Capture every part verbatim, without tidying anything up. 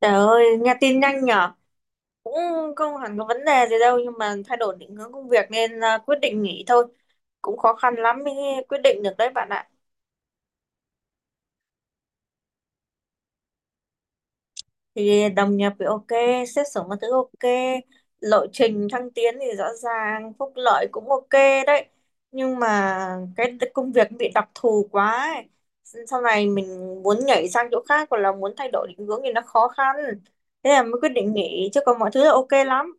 Trời ơi, nghe tin nhanh nhở. Cũng không hẳn có vấn đề gì đâu nhưng mà thay đổi định hướng công việc nên à, quyết định nghỉ thôi. Cũng khó khăn lắm mới quyết định được đấy bạn ạ. Thì đồng nghiệp thì ok, xét xử mọi thứ ok, lộ trình thăng tiến thì rõ ràng, phúc lợi cũng ok đấy. Nhưng mà cái công việc bị đặc thù quá ấy. Sau này mình muốn nhảy sang chỗ khác hoặc là muốn thay đổi định hướng thì nó khó khăn. Thế là mới quyết định nghỉ chứ còn mọi thứ là ok lắm.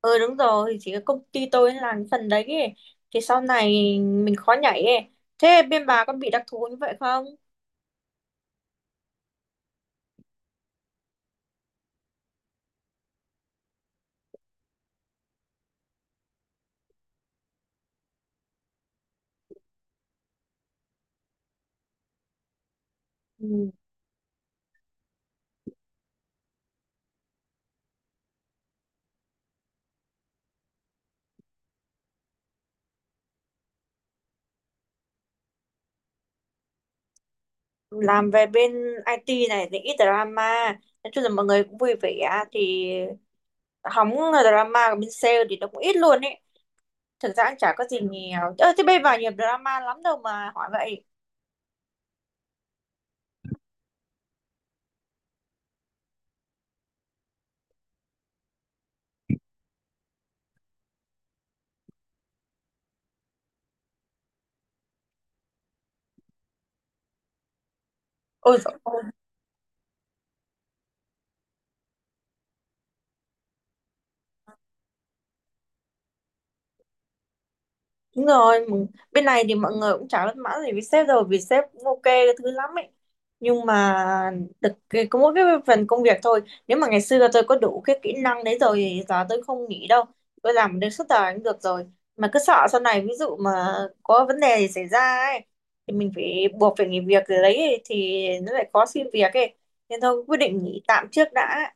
Ừ, đúng rồi, chỉ có công ty tôi làm cái phần đấy ấy. Thì sau này mình khó nhảy ấy. Thế bên bà có bị đặc thù như vậy không? Ừ. Làm về bên i tê này thì ít drama. Nói chung là mọi người cũng vui vẻ. Thì hóng là drama của bên sale thì nó cũng ít luôn ấy. Thực ra cũng chả có gì nhiều. Ơ, thế bên bà nhiều drama lắm đâu mà hỏi vậy. Ôi dồi. Đúng rồi, m- bên này thì mọi người cũng chả bất mãn gì với sếp rồi vì sếp cũng ok cái thứ lắm ấy. Nhưng mà được cái- có mỗi cái phần công việc thôi. Nếu mà ngày xưa tôi có đủ cái kỹ năng đấy rồi thì giờ tôi không nghỉ đâu. Tôi làm đến suốt đời cũng được rồi. Mà cứ sợ sau này ví dụ mà có vấn đề gì xảy ra ấy thì mình phải buộc phải nghỉ việc rồi đấy ấy, thì nó lại khó xin việc ấy. Nên thôi quyết định nghỉ tạm trước đã.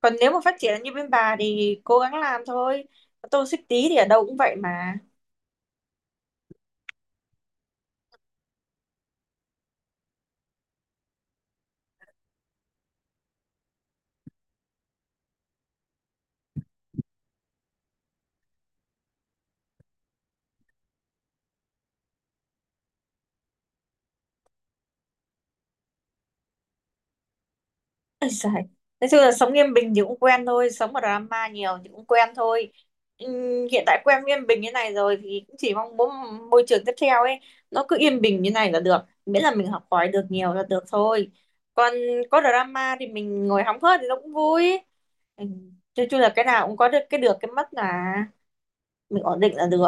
Còn nếu mà phát triển như bên bà thì cố gắng làm thôi. Tôi xích tí thì ở đâu cũng vậy mà. Ôi giời. Nói chung là sống Yên Bình thì cũng quen thôi, sống ở drama nhiều thì cũng quen thôi. Ừm, hiện tại quen Yên Bình như này rồi thì cũng chỉ mong muốn môi trường tiếp theo ấy nó cứ yên bình như này là được, miễn là mình học hỏi được nhiều là được thôi. Còn có drama thì mình ngồi hóng hớt thì nó cũng vui. Ừ. Nói chung là cái nào cũng có được cái được cái mất là mình ổn định là được.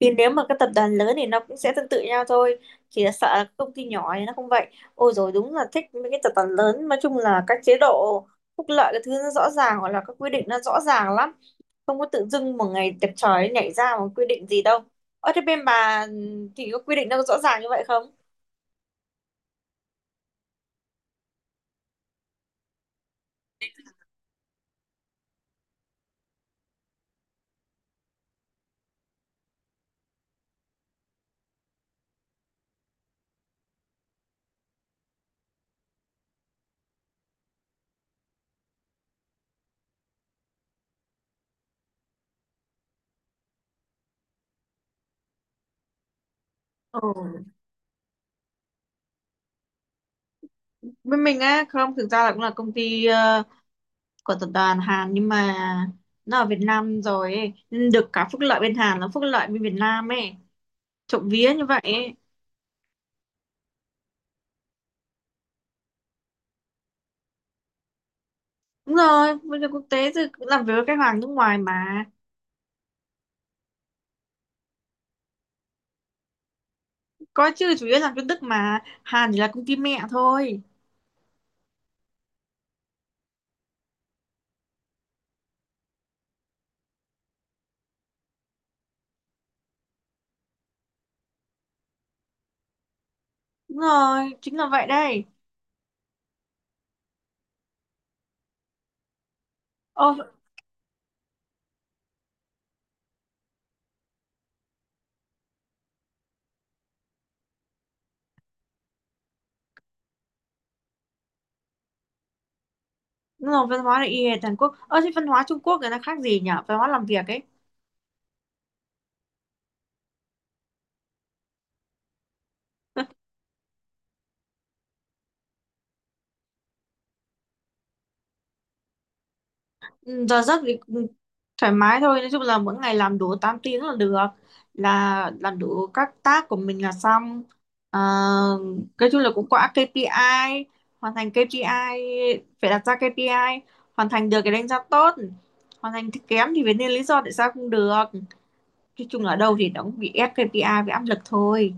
Vì nếu mà các tập đoàn lớn thì nó cũng sẽ tương tự nhau thôi. Chỉ là sợ là các công ty nhỏ thì nó không vậy. Ôi rồi, đúng là thích mấy cái tập đoàn lớn. Nói chung là các chế độ phúc lợi cái thứ nó rõ ràng hoặc là các quy định nó rõ ràng lắm. Không có tự dưng một ngày đẹp trời nhảy ra một quy định gì đâu. Ở thế bên bà ừ, thì có quy định nó có rõ ràng như vậy không? Ừ. Bên mình á không, thực ra là cũng là công ty ờ, của tập đoàn Hàn nhưng mà nó ở Việt Nam rồi ấy. Nên được cả phúc lợi bên Hàn nó phúc lợi bên Việt Nam ấy, trộm vía như vậy ấy. Đúng rồi, bây giờ quốc tế thì cũng làm việc với các hàng nước ngoài mà. Có chứ, chủ yếu làm cho Đức mà. Hàn chỉ là công ty mẹ thôi. Đúng rồi, chính là vậy đây. Ô, đúng rồi, văn hóa là y hệt Hàn Quốc. Ơ, thế văn hóa Trung Quốc người ta khác gì nhỉ? Văn hóa làm việc ấy. Ừ, giờ giấc thì cũng thoải mái thôi, nói chung là mỗi ngày làm đủ tám tiếng là được, là làm đủ các task của mình là xong. Ờ, nói chung là cũng có ca pê i, hoàn thành ca pê i, phải đặt ra kay pi ai, hoàn thành được thì đánh giá tốt, hoàn thành thì kém thì phải nên lý do tại sao không được. Nói chung là ở đâu thì nó cũng bị ép ca pê i với áp lực thôi.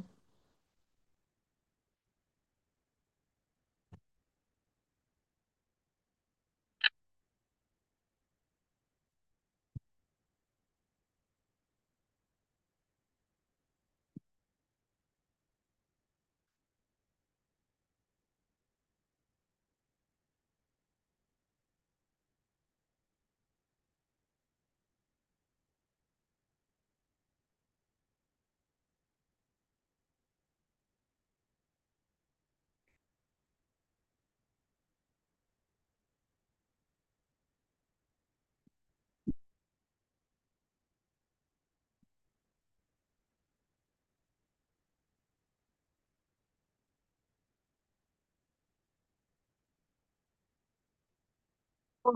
Ôi,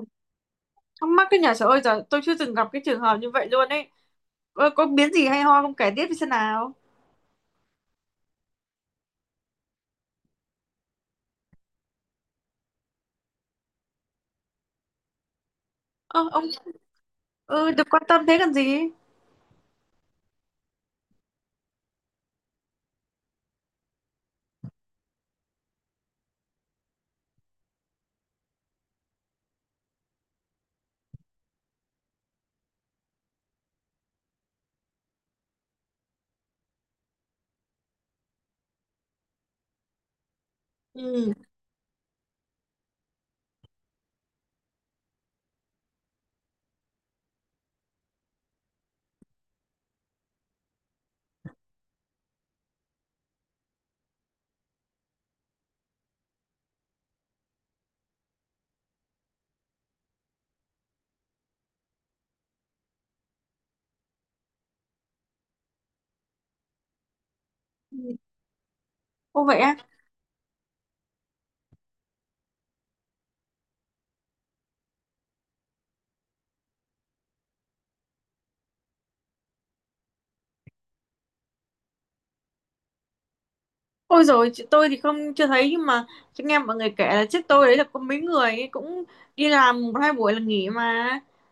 thắc mắc cái nhà, trời ơi, giờ tôi chưa từng gặp cái trường hợp như vậy luôn ấy. Có, có biến gì hay ho không, kể tiếp đi xem nào? Ơ, ông ừ, được quan tâm thế cần gì? Ừ. Ô vậy á. Ôi rồi, tôi thì không, chưa thấy. Nhưng mà tôi nghe mọi người kể là trước tôi đấy là có mấy người ấy cũng đi làm một hai buổi là nghỉ mà.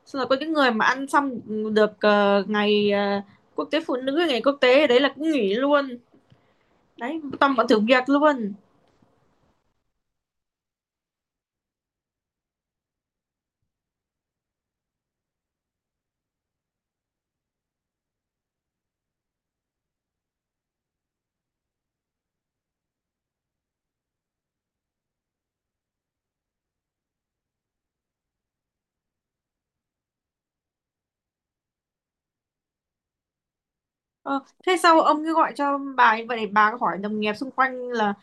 Xong rồi có những người mà ăn xong được ờ, ngày ờ, quốc tế phụ nữ, ngày quốc tế đấy là cũng nghỉ luôn. Đấy toàn bọn thử việc luôn. Ờ, thế sao ông cứ gọi cho bà như vậy để bà có hỏi đồng nghiệp xung quanh, là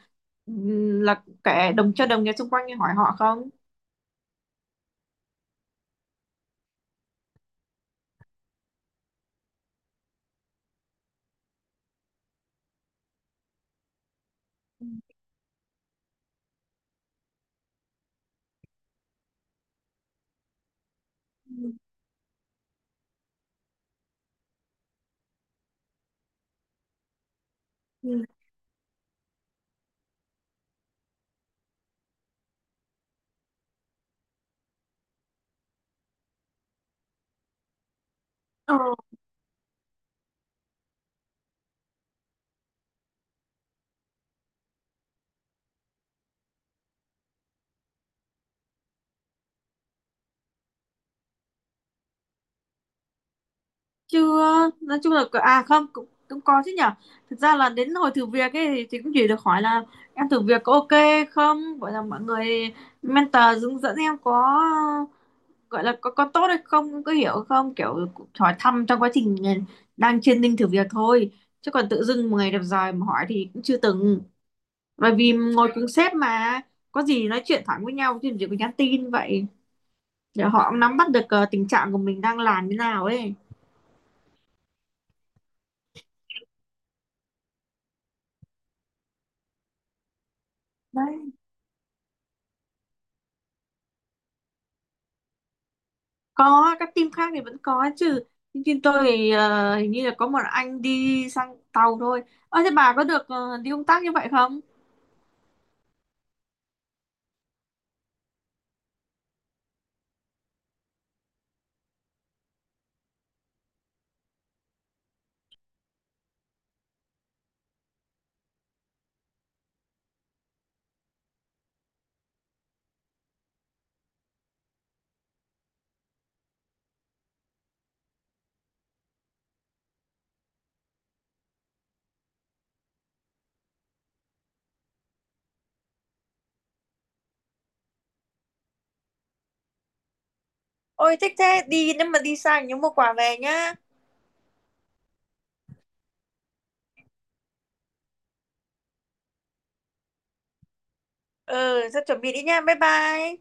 là kể đồng cho đồng nghiệp xung quanh hỏi họ không? Ừ. Ừ. Ờ. Chưa. Nói chung là à không, cũng cũng có chứ nhở. Thực ra là đến hồi thử việc ấy thì, thì cũng chỉ được hỏi là em thử việc có ok không, gọi là mọi người mentor hướng dẫn em có, gọi là có có tốt hay không, có hiểu không, kiểu hỏi thăm trong quá trình đang training thử việc thôi. Chứ còn tự dưng một ngày đẹp trời mà hỏi thì cũng chưa từng, bởi vì ngồi cùng sếp mà, có gì nói chuyện thẳng với nhau chứ chỉ có nhắn tin vậy để họ cũng nắm bắt được ờ, tình trạng của mình đang làm như nào ấy. Có, các team khác thì vẫn có chứ. Nhưng team tôi thì ờ, hình như là có một anh đi sang tàu thôi. Ơ, thế bà có được ờ, đi công tác như vậy không? Ôi thích thế, đi nếu mà đi sang nhớ mua quà về nhá. Ừ, sao chuẩn bị đi nha. Bye bye.